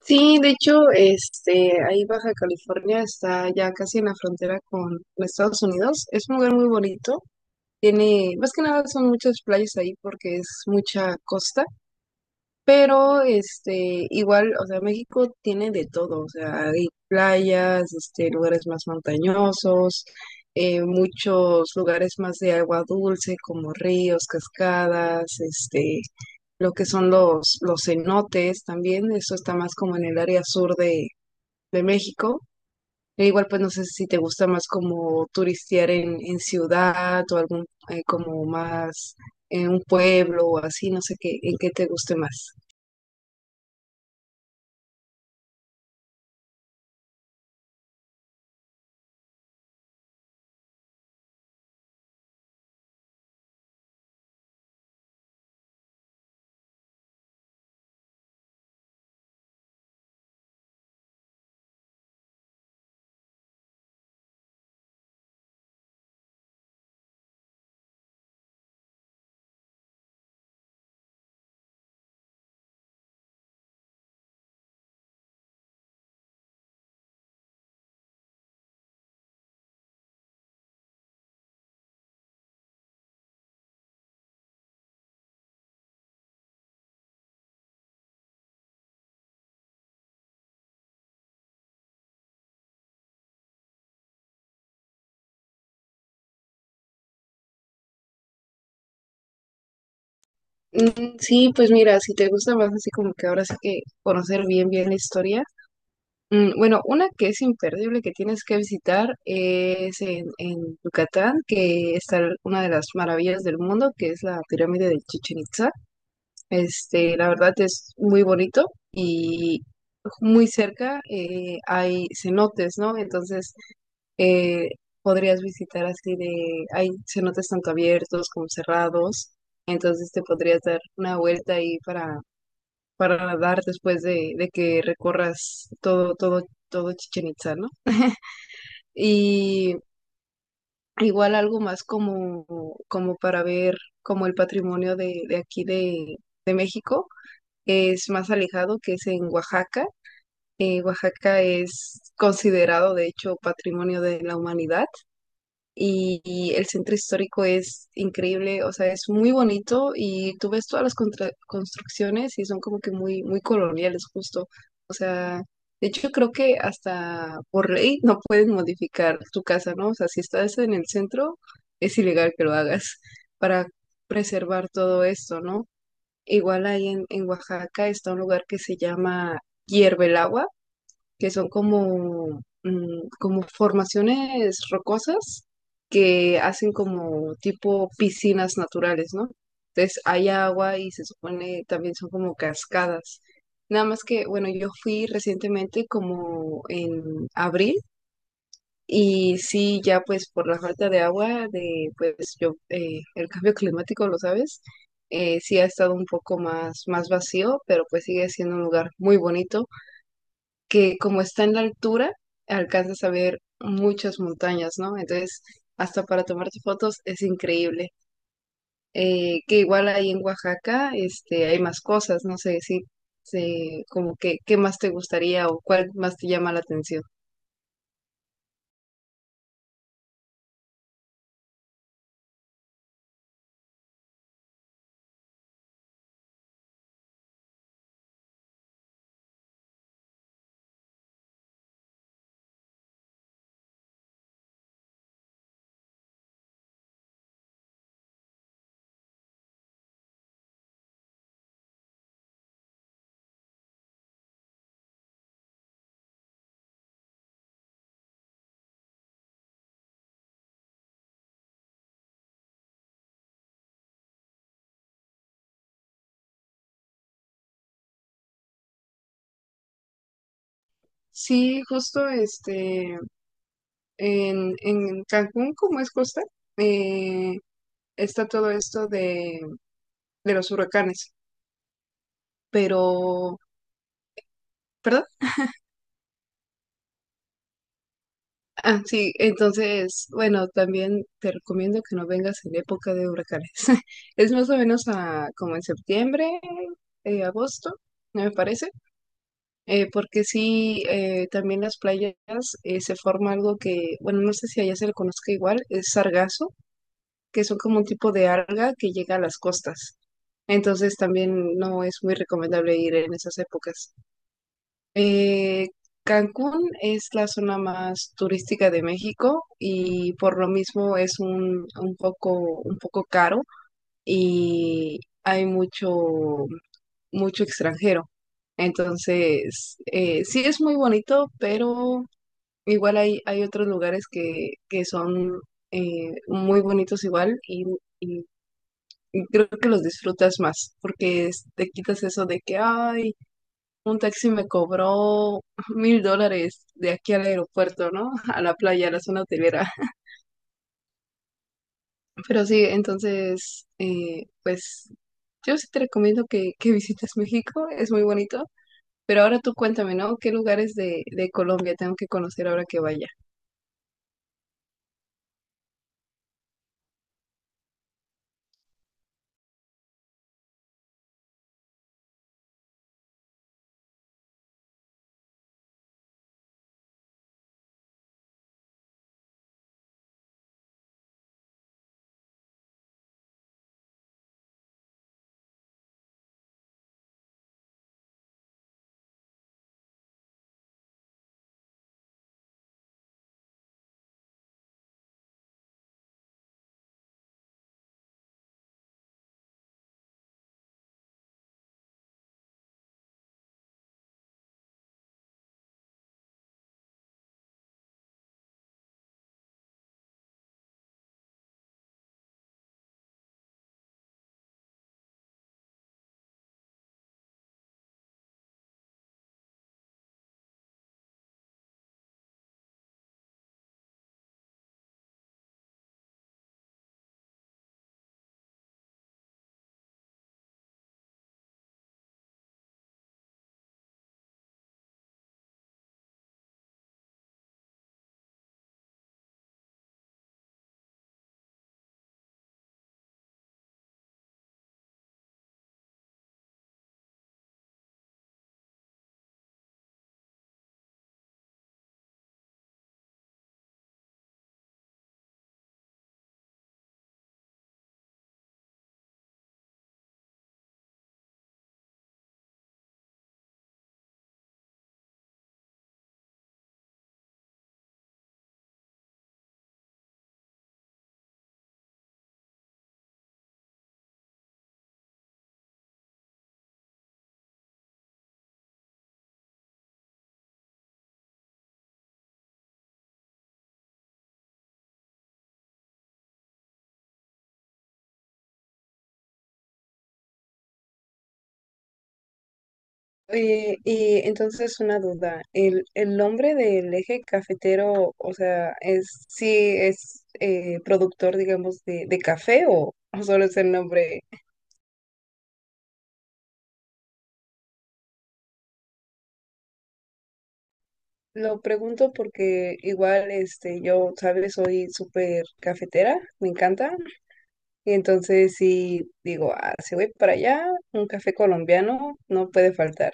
Sí, de hecho, este, ahí Baja California está ya casi en la frontera con Estados Unidos. Es un lugar muy bonito. Tiene, más que nada son muchas playas ahí porque es mucha costa. Pero, este, igual, o sea, México tiene de todo, o sea, hay playas, este, lugares más montañosos, muchos lugares más de agua dulce, como ríos, cascadas, este, lo que son los cenotes también, eso está más como en el área sur de México. E igual, pues no sé si te gusta más como turistear en ciudad o algún, como más en un pueblo o así, no sé qué, en qué te guste más. Mm, sí, pues mira, si te gusta más así como que ahora sí que conocer bien bien la historia. Bueno, una que es imperdible que tienes que visitar es en Yucatán, que está una de las maravillas del mundo, que es la pirámide de Chichen Itza. Este, la verdad es muy bonito y muy cerca hay cenotes, ¿no? Entonces eh, podrías visitar así de, hay cenotes tanto abiertos como cerrados, entonces te podrías dar una vuelta ahí para nadar después de que recorras todo Chichen Itza, ¿no? Y igual algo más como, como para ver como el patrimonio de aquí de México, es más alejado que es en Oaxaca. Oaxaca es considerado, de hecho, patrimonio de la humanidad y el centro histórico es increíble, o sea, es muy bonito y tú ves todas las construcciones y son como que muy coloniales justo. O sea, de hecho creo que hasta por ley no pueden modificar tu casa, ¿no? O sea, si estás en el centro, es ilegal que lo hagas para preservar todo esto, ¿no? Igual ahí en Oaxaca está un lugar que se llama Hierve el Agua que son como, como formaciones rocosas que hacen como tipo piscinas naturales, ¿no? Entonces hay agua y se supone también son como cascadas. Nada más que, bueno, yo fui recientemente como en abril y sí, ya pues por la falta de agua, de pues yo, el cambio climático, lo sabes, sí ha estado un poco más, más vacío, pero pues sigue siendo un lugar muy bonito que como está en la altura, alcanzas a ver muchas montañas, ¿no? Entonces, hasta para tomarte fotos es increíble. Que igual ahí en Oaxaca, este, hay más cosas, no sé si, como que, ¿qué más te gustaría o cuál más te llama la atención? Sí, justo, este, en Cancún, como es costa, eh, está todo esto de los huracanes, pero, ¿perdón? Ah, sí, entonces, bueno, también te recomiendo que no vengas en época de huracanes. Es más o menos como en septiembre, agosto, me parece, porque sí, también las playas se forma algo que, bueno, no sé si allá se le conozca igual, es sargazo, que son como un tipo de alga que llega a las costas. Entonces también no es muy recomendable ir en esas épocas. Eh, Cancún es la zona más turística de México y por lo mismo es un poco caro y hay mucho extranjero. Entonces, sí es muy bonito, pero igual hay otros lugares que son muy bonitos igual y- y creo que los disfrutas más porque te quitas eso de que, ay, un taxi me cobró $1000 de aquí al aeropuerto, ¿no? A la playa, a la zona hotelera. Pero sí, entonces, pues yo sí te recomiendo que visites México, es muy bonito. Pero ahora tú cuéntame, ¿no? ¿Qué lugares de Colombia tengo que conocer ahora que vaya? Y entonces una duda, el nombre del eje cafetero, o sea, es sí es productor, digamos, de café o solo es el nombre. Lo pregunto porque igual, este, yo, sabes, soy súper cafetera, me encanta, y entonces sí digo, ah, si voy para allá, un café colombiano no puede faltar.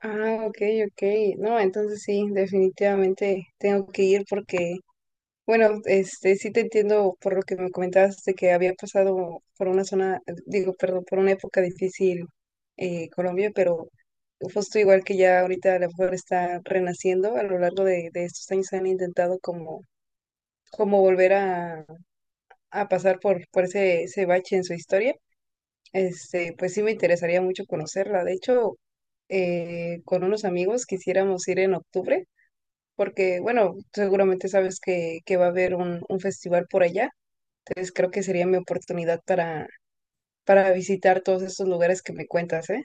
Ah, ok, ok. No, entonces sí, definitivamente tengo que ir porque bueno, este, sí te entiendo por lo que me comentabas de que había pasado por una zona, digo, perdón, por una época difícil Colombia, pero justo igual que ya ahorita a lo mejor está renaciendo, a lo largo de estos años han intentado como, como volver a pasar por ese, ese bache en su historia. Este, pues sí me interesaría mucho conocerla. De hecho, con unos amigos quisiéramos ir en octubre, porque, bueno, seguramente sabes que va a haber un festival por allá. Entonces creo que sería mi oportunidad para visitar todos estos lugares que me cuentas, ¿eh?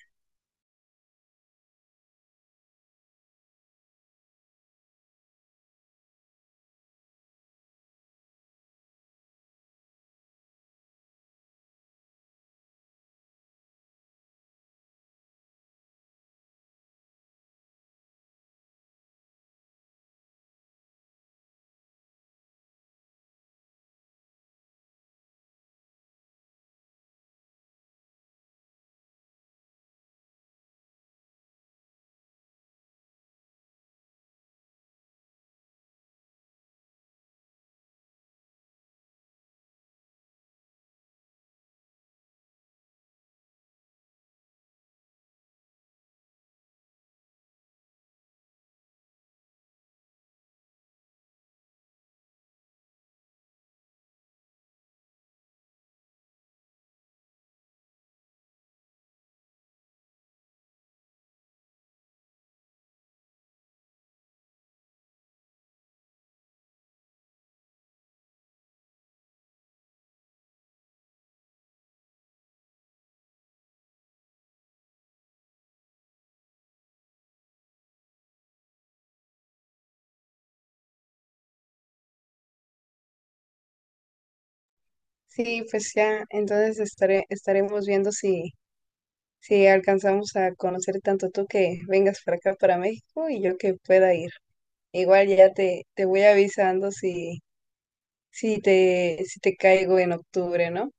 Sí, pues ya, entonces estaré, estaremos viendo si, si alcanzamos a conocer tanto tú que vengas para acá, para México, y yo que pueda ir. Igual ya te voy avisando si, si te caigo en octubre, ¿no?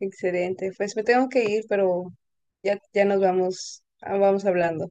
Excelente. Pues me tengo que ir, pero ya nos vamos, ah, vamos hablando.